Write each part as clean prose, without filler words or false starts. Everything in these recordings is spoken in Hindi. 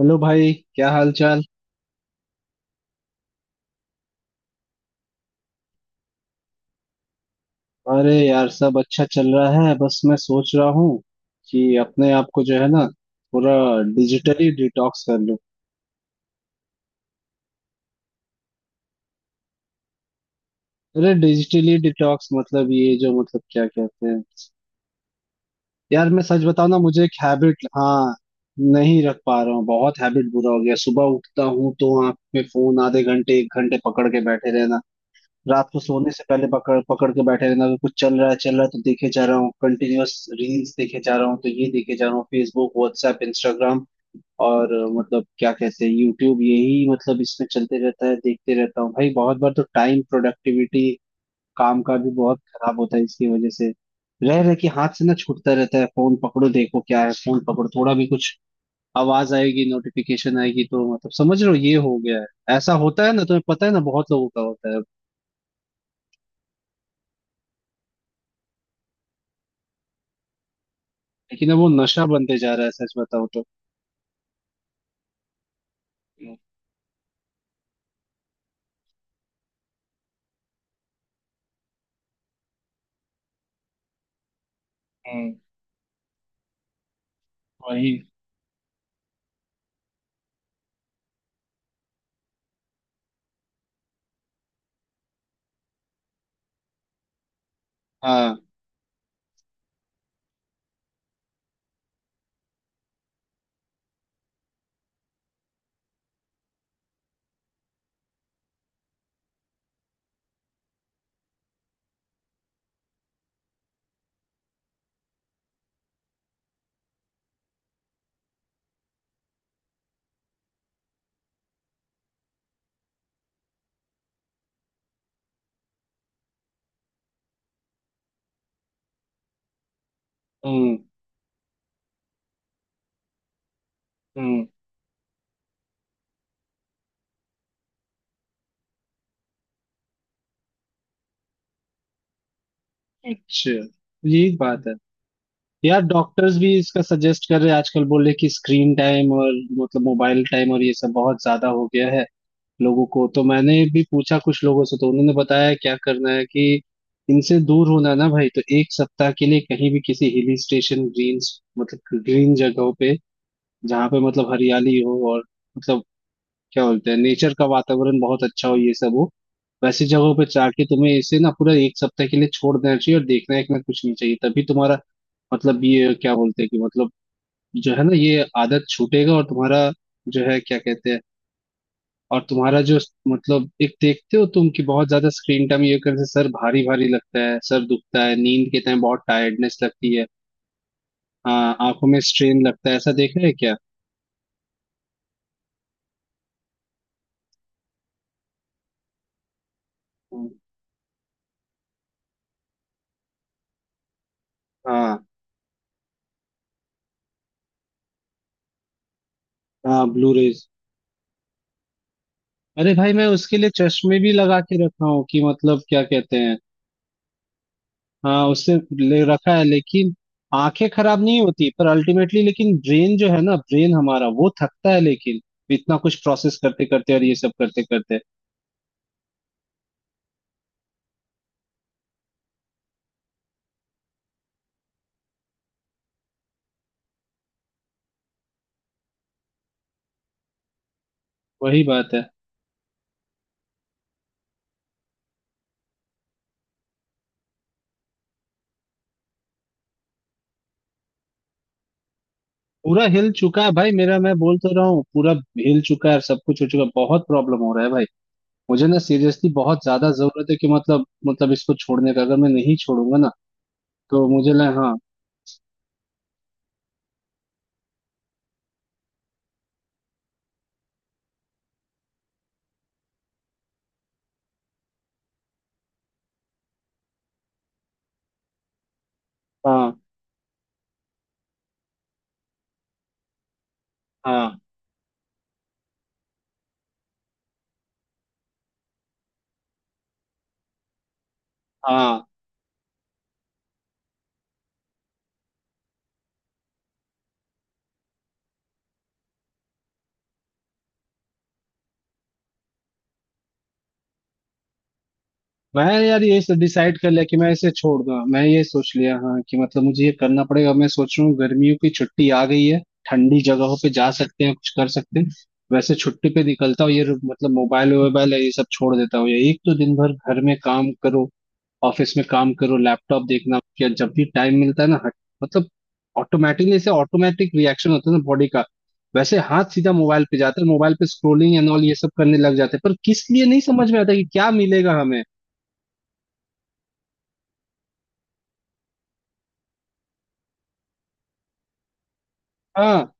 हेलो भाई, क्या हाल चाल। अरे यार, सब अच्छा चल रहा है। बस मैं सोच रहा हूँ कि अपने आप को जो है ना, पूरा डिजिटली डिटॉक्स कर लूँ। अरे डिजिटली डिटॉक्स मतलब ये जो मतलब क्या कहते हैं यार, मैं सच बताऊँ ना, मुझे एक हैबिट, हाँ, नहीं रख पा रहा हूँ। बहुत हैबिट बुरा हो गया। सुबह उठता हूँ तो आंख में फोन आधे घंटे एक घंटे पकड़ के बैठे रहना। रात को सोने से पहले पकड़ पकड़ के बैठे रहना। अगर कुछ चल रहा है तो देखे जा रहा हूँ, कंटिन्यूअस रील्स देखे जा रहा हूँ, तो ये देखे जा रहा हूँ फेसबुक व्हाट्सएप इंस्टाग्राम और मतलब क्या कहते हैं यूट्यूब, यही मतलब इसमें चलते रहता है, देखते रहता हूँ भाई। बहुत बार तो टाइम प्रोडक्टिविटी, काम का भी बहुत खराब होता है इसकी वजह से। रह रहे कि हाथ से ना छूटता रहता है, फोन पकड़ो देखो क्या है, फोन पकड़ो। थोड़ा भी कुछ आवाज आएगी, नोटिफिकेशन आएगी तो, मतलब समझ रहे हो, ये हो गया है। ऐसा होता है ना, तुम्हें पता है ना, बहुत लोगों का होता है। लेकिन अब वो नशा बनते जा रहा है, सच बताओ तो। हम्म। वही। हाँ। हम्म। हम्म। अच्छा, यही बात है यार। डॉक्टर्स भी इसका सजेस्ट कर रहे हैं आजकल, बोल रहे हैं कि स्क्रीन टाइम और मतलब मोबाइल टाइम और ये सब बहुत ज्यादा हो गया है लोगों को। तो मैंने भी पूछा कुछ लोगों से, तो उन्होंने बताया क्या करना है कि इनसे दूर होना है ना भाई, तो एक सप्ताह के लिए कहीं भी किसी हिल स्टेशन, ग्रीन मतलब ग्रीन जगहों पे, जहाँ पे मतलब हरियाली हो और मतलब क्या बोलते हैं नेचर का वातावरण बहुत अच्छा हो, ये सब हो, वैसी जगहों पे जाके तुम्हें इसे ना पूरा एक सप्ताह के लिए छोड़ देना चाहिए और देखना है कि ना कुछ नहीं चाहिए, तभी तुम्हारा मतलब ये क्या बोलते हैं कि मतलब जो है ना ये आदत छूटेगा और तुम्हारा जो है क्या कहते हैं और तुम्हारा जो मतलब, एक देखते हो तुम कि बहुत ज्यादा स्क्रीन टाइम ये करने से सर भारी भारी लगता है, सर दुखता है, नींद के टाइम बहुत टायर्डनेस लगती है। हाँ, आंखों में स्ट्रेन लगता है, ऐसा देखा है क्या। हाँ हाँ, ब्लू रेज। अरे भाई, मैं उसके लिए चश्मे भी लगा के रखा हूँ कि मतलब क्या कहते हैं, हाँ, उससे ले रखा है, लेकिन आंखें खराब नहीं होती पर अल्टीमेटली, लेकिन ब्रेन जो है ना, ब्रेन हमारा वो थकता है लेकिन, इतना कुछ प्रोसेस करते करते और ये सब करते करते। वही बात है। पूरा हिल चुका है भाई मेरा, मैं बोल तो रहा हूँ, पूरा हिल चुका है, सब कुछ हो चुका है, बहुत प्रॉब्लम हो रहा है भाई। मुझे ना, सीरियसली बहुत ज्यादा जरूरत है कि मतलब इसको छोड़ने का, अगर मैं नहीं छोड़ूंगा ना, तो मुझे ना। हाँ। हाँ हाँ हाँ। मैं यार ये डिसाइड कर लिया कि मैं इसे छोड़ दूंगा, मैं ये सोच लिया, हाँ, कि मतलब मुझे ये करना पड़ेगा। मैं सोच रहा हूँ गर्मियों की छुट्टी आ गई है, ठंडी जगहों पे जा सकते हैं, कुछ कर सकते हैं। वैसे छुट्टी पे निकलता हूँ ये मतलब मोबाइल वोबाइल है ये सब छोड़ देता हूँ। ये एक तो दिन भर घर में काम करो, ऑफिस में काम करो, लैपटॉप देखना, या जब भी टाइम मिलता है ना, हट मतलब ऑटोमेटिकली से ऑटोमेटिक रिएक्शन होता है ना बॉडी का। वैसे हाथ सीधा मोबाइल पे जाता है, मोबाइल पे स्क्रोलिंग एंड ऑल ये सब करने लग जाते हैं, पर किस लिए नहीं समझ में आता कि क्या मिलेगा हमें। हाँ,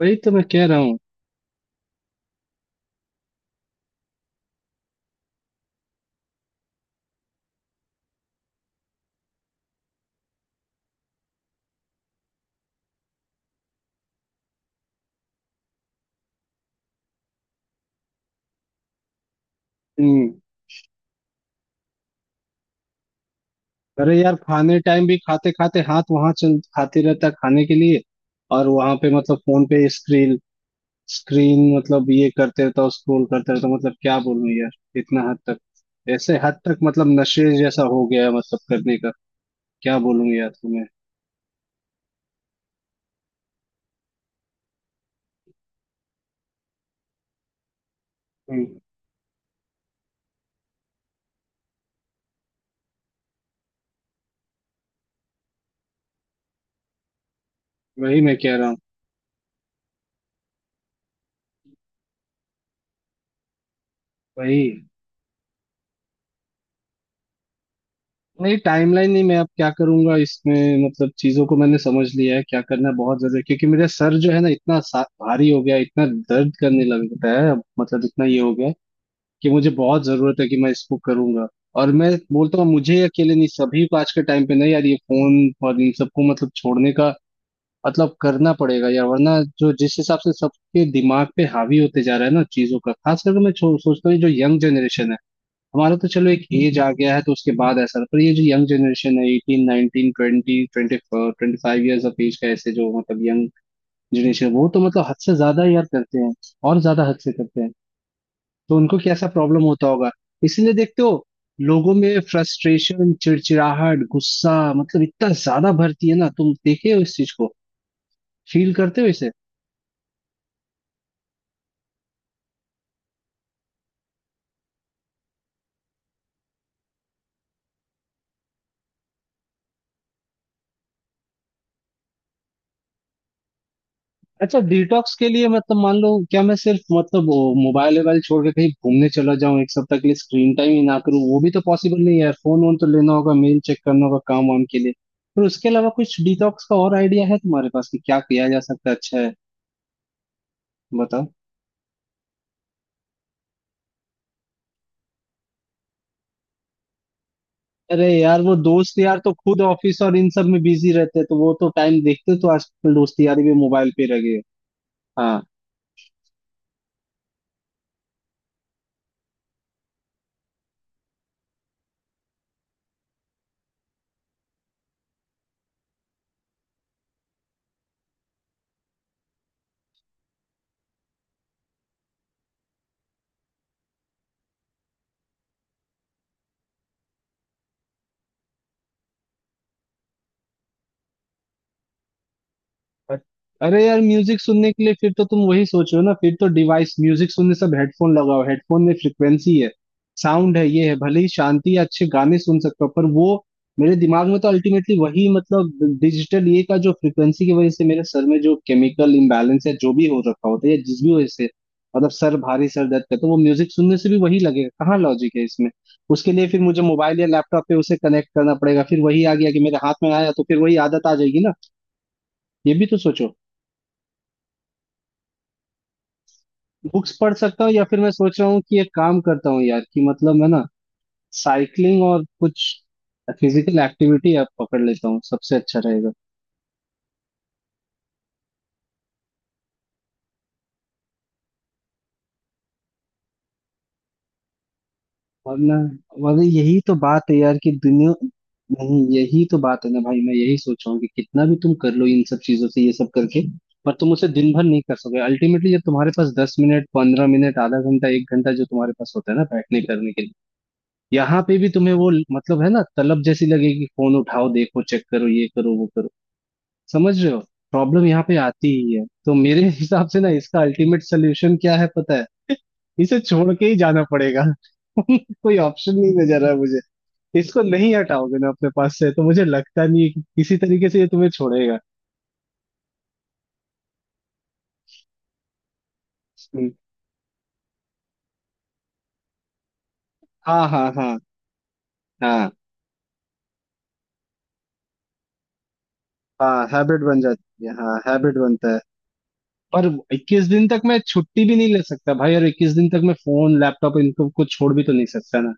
वही तो मैं कह रहा हूँ। हम्म। अरे यार, खाने टाइम भी खाते खाते हाथ वहां चल, खाते रहता है खाने के लिए और वहां पे मतलब फोन पे स्क्रीन, स्क्रीन मतलब ये करते रहता हूँ, स्क्रोल करते रहता हूँ, मतलब क्या बोलूं यार। इतना हद तक। ऐसे हद तक मतलब नशे जैसा हो गया है, मतलब करने का। क्या बोलूं यार तुम्हें। हम्म। वही मैं कह रहा हूँ। वही। नहीं, टाइमलाइन नहीं। मैं अब क्या करूंगा इसमें, मतलब चीजों को मैंने समझ लिया है, क्या करना है बहुत ज्यादा, क्योंकि मेरा सर जो है ना, इतना भारी हो गया है, इतना दर्द करने लगता है अब, मतलब इतना ये हो गया है कि मुझे बहुत जरूरत है कि मैं इसको करूंगा। और मैं बोलता हूँ मुझे ही अकेले नहीं, सभी को आज के टाइम पे ना यार, ये फोन और इन सबको मतलब छोड़ने का मतलब करना पड़ेगा यार, वरना जो जिस हिसाब से सबके दिमाग पे हावी होते जा रहा है ना चीजों का, खास करके मैं सोचता हूँ ये जो यंग जनरेशन है, हमारा तो चलो एक एज आ गया है तो उसके बाद ऐसा, पर ये जो यंग जनरेशन है 18 19 20 20 25 ईयर्स ऑफ एज का, ऐसे जो मतलब यंग जनरेशन, वो तो मतलब हद से ज्यादा यार करते हैं और ज्यादा हद से करते हैं। तो उनको कैसा प्रॉब्लम होता होगा। इसलिए देखते हो लोगों में फ्रस्ट्रेशन, चिड़चिड़ाहट, गुस्सा, मतलब इतना ज्यादा भरती है ना, तुम देखे हो इस चीज को, फील करते हो इसे। अच्छा, डिटॉक्स के लिए मतलब मान लो, क्या मैं सिर्फ मतलब वो मोबाइल वोबाइल छोड़ के कहीं घूमने चला जाऊं एक सप्ताह के लिए, स्क्रीन टाइम ही ना करूं, वो भी तो पॉसिबल नहीं है यार, फोन वोन तो लेना होगा, मेल चेक करना होगा काम वाम के लिए, पर उसके अलावा कुछ डिटॉक्स का और आइडिया है तुम्हारे पास कि क्या किया जा सकता है, अच्छा है। बताओ। अरे यार, वो दोस्त यार तो खुद ऑफिस और इन सब में बिजी रहते हैं, तो वो तो टाइम देखते हैं, तो आजकल दोस्त यारी भी मोबाइल पे रह गए। हाँ। अ- अरे यार, म्यूजिक सुनने के लिए फिर तो तुम वही सोच रहे हो ना, फिर तो डिवाइस, म्यूजिक सुनने सब हेडफोन लगाओ, हेडफोन में फ्रिक्वेंसी है, साउंड है, ये है, भले ही शांति या अच्छे गाने सुन सकते हो पर वो मेरे दिमाग में तो अल्टीमेटली वही मतलब डिजिटल ये का जो फ्रिक्वेंसी की वजह से मेरे सर में जो केमिकल इम्बैलेंस है जो भी हो रखा होता है या जिस भी वजह से, मतलब सर भारी, सर दर्द करता है, तो वो म्यूजिक सुनने से भी वही लगेगा, कहाँ लॉजिक है इसमें। उसके लिए फिर मुझे मोबाइल या लैपटॉप पे उसे कनेक्ट करना पड़ेगा, फिर वही आ गया कि मेरे हाथ में आया तो फिर वही आदत आ जाएगी ना, ये भी तो सोचो। बुक्स पढ़ सकता हूँ, या फिर मैं सोच रहा हूँ कि एक काम करता हूँ यार कि मतलब मैं ना साइकिलिंग और कुछ फिजिकल एक्टिविटी आप पकड़ लेता हूँ, सबसे अच्छा रहेगा। वरना वरना यही तो बात है यार कि दुनिया, नहीं यही तो बात है ना भाई, मैं यही सोच रहा हूँ कि कितना भी तुम कर लो इन सब चीजों से, ये सब करके, पर तुम उसे दिन भर नहीं कर सकोगे अल्टीमेटली। जब तुम्हारे पास 10 मिनट, 15 मिनट, आधा घंटा, एक घंटा जो तुम्हारे पास होता है ना बैठने करने के लिए, यहाँ पे भी तुम्हें वो मतलब है ना, तलब जैसी लगेगी, फोन उठाओ देखो चेक करो, ये करो, वो। समझ रहे हो, प्रॉब्लम यहाँ पे आती ही है। तो मेरे हिसाब से ना इसका अल्टीमेट सोल्यूशन क्या है पता है, इसे छोड़ के ही जाना पड़ेगा। कोई ऑप्शन नहीं नजर आ रहा मुझे। इसको नहीं हटाओगे ना अपने पास से तो मुझे लगता नहीं है कि किसी तरीके से ये तुम्हें छोड़ेगा। हम्म। हाँ हाँ हाँ हाँ हाँ। हैबिट बन जाती है, हाँ हैबिट बनता है। पर 21 दिन तक मैं छुट्टी भी नहीं ले सकता भाई, और 21 दिन तक मैं फोन लैपटॉप इनको को छोड़ भी तो नहीं सकता ना।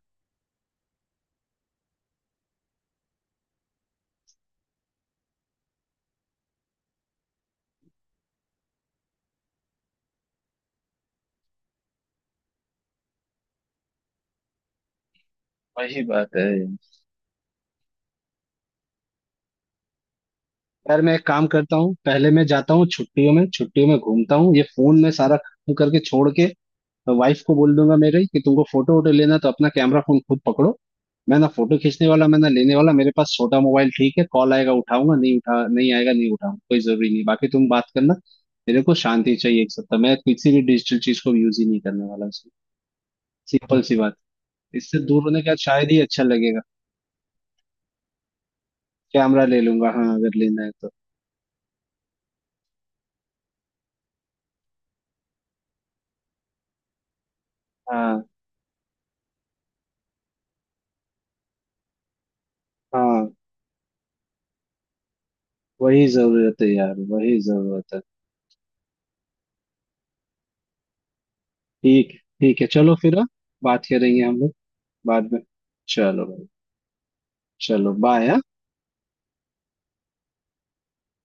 वही बात है यार। मैं एक काम करता हूँ, पहले मैं जाता हूँ छुट्टियों में, छुट्टियों में घूमता हूँ ये फोन में सारा खत्म करके छोड़ के। वाइफ को बोल दूंगा मेरे कि तुमको फोटो वोटो लेना तो अपना कैमरा फोन खुद पकड़ो, मैं ना फोटो खींचने वाला, मैं ना लेने वाला। मेरे पास छोटा मोबाइल ठीक है, कॉल आएगा उठाऊंगा, नहीं उठा, नहीं आएगा नहीं उठाऊंगा, कोई जरूरी नहीं, बाकी तुम बात करना। मेरे को शांति चाहिए एक सप्ताह, मैं किसी भी डिजिटल चीज को यूज ही नहीं करने वाला उसमें। सिंपल सी बात, इससे दूर होने के बाद शायद ही अच्छा लगेगा। कैमरा ले लूंगा हाँ, अगर लेना है तो। हाँ हाँ। वही जरूरत है यार, वही जरूरत है। ठीक, ठीक है, चलो फिर। हाँ, बात करेंगे हम लोग बाद में। चलो भाई। चलो बाय।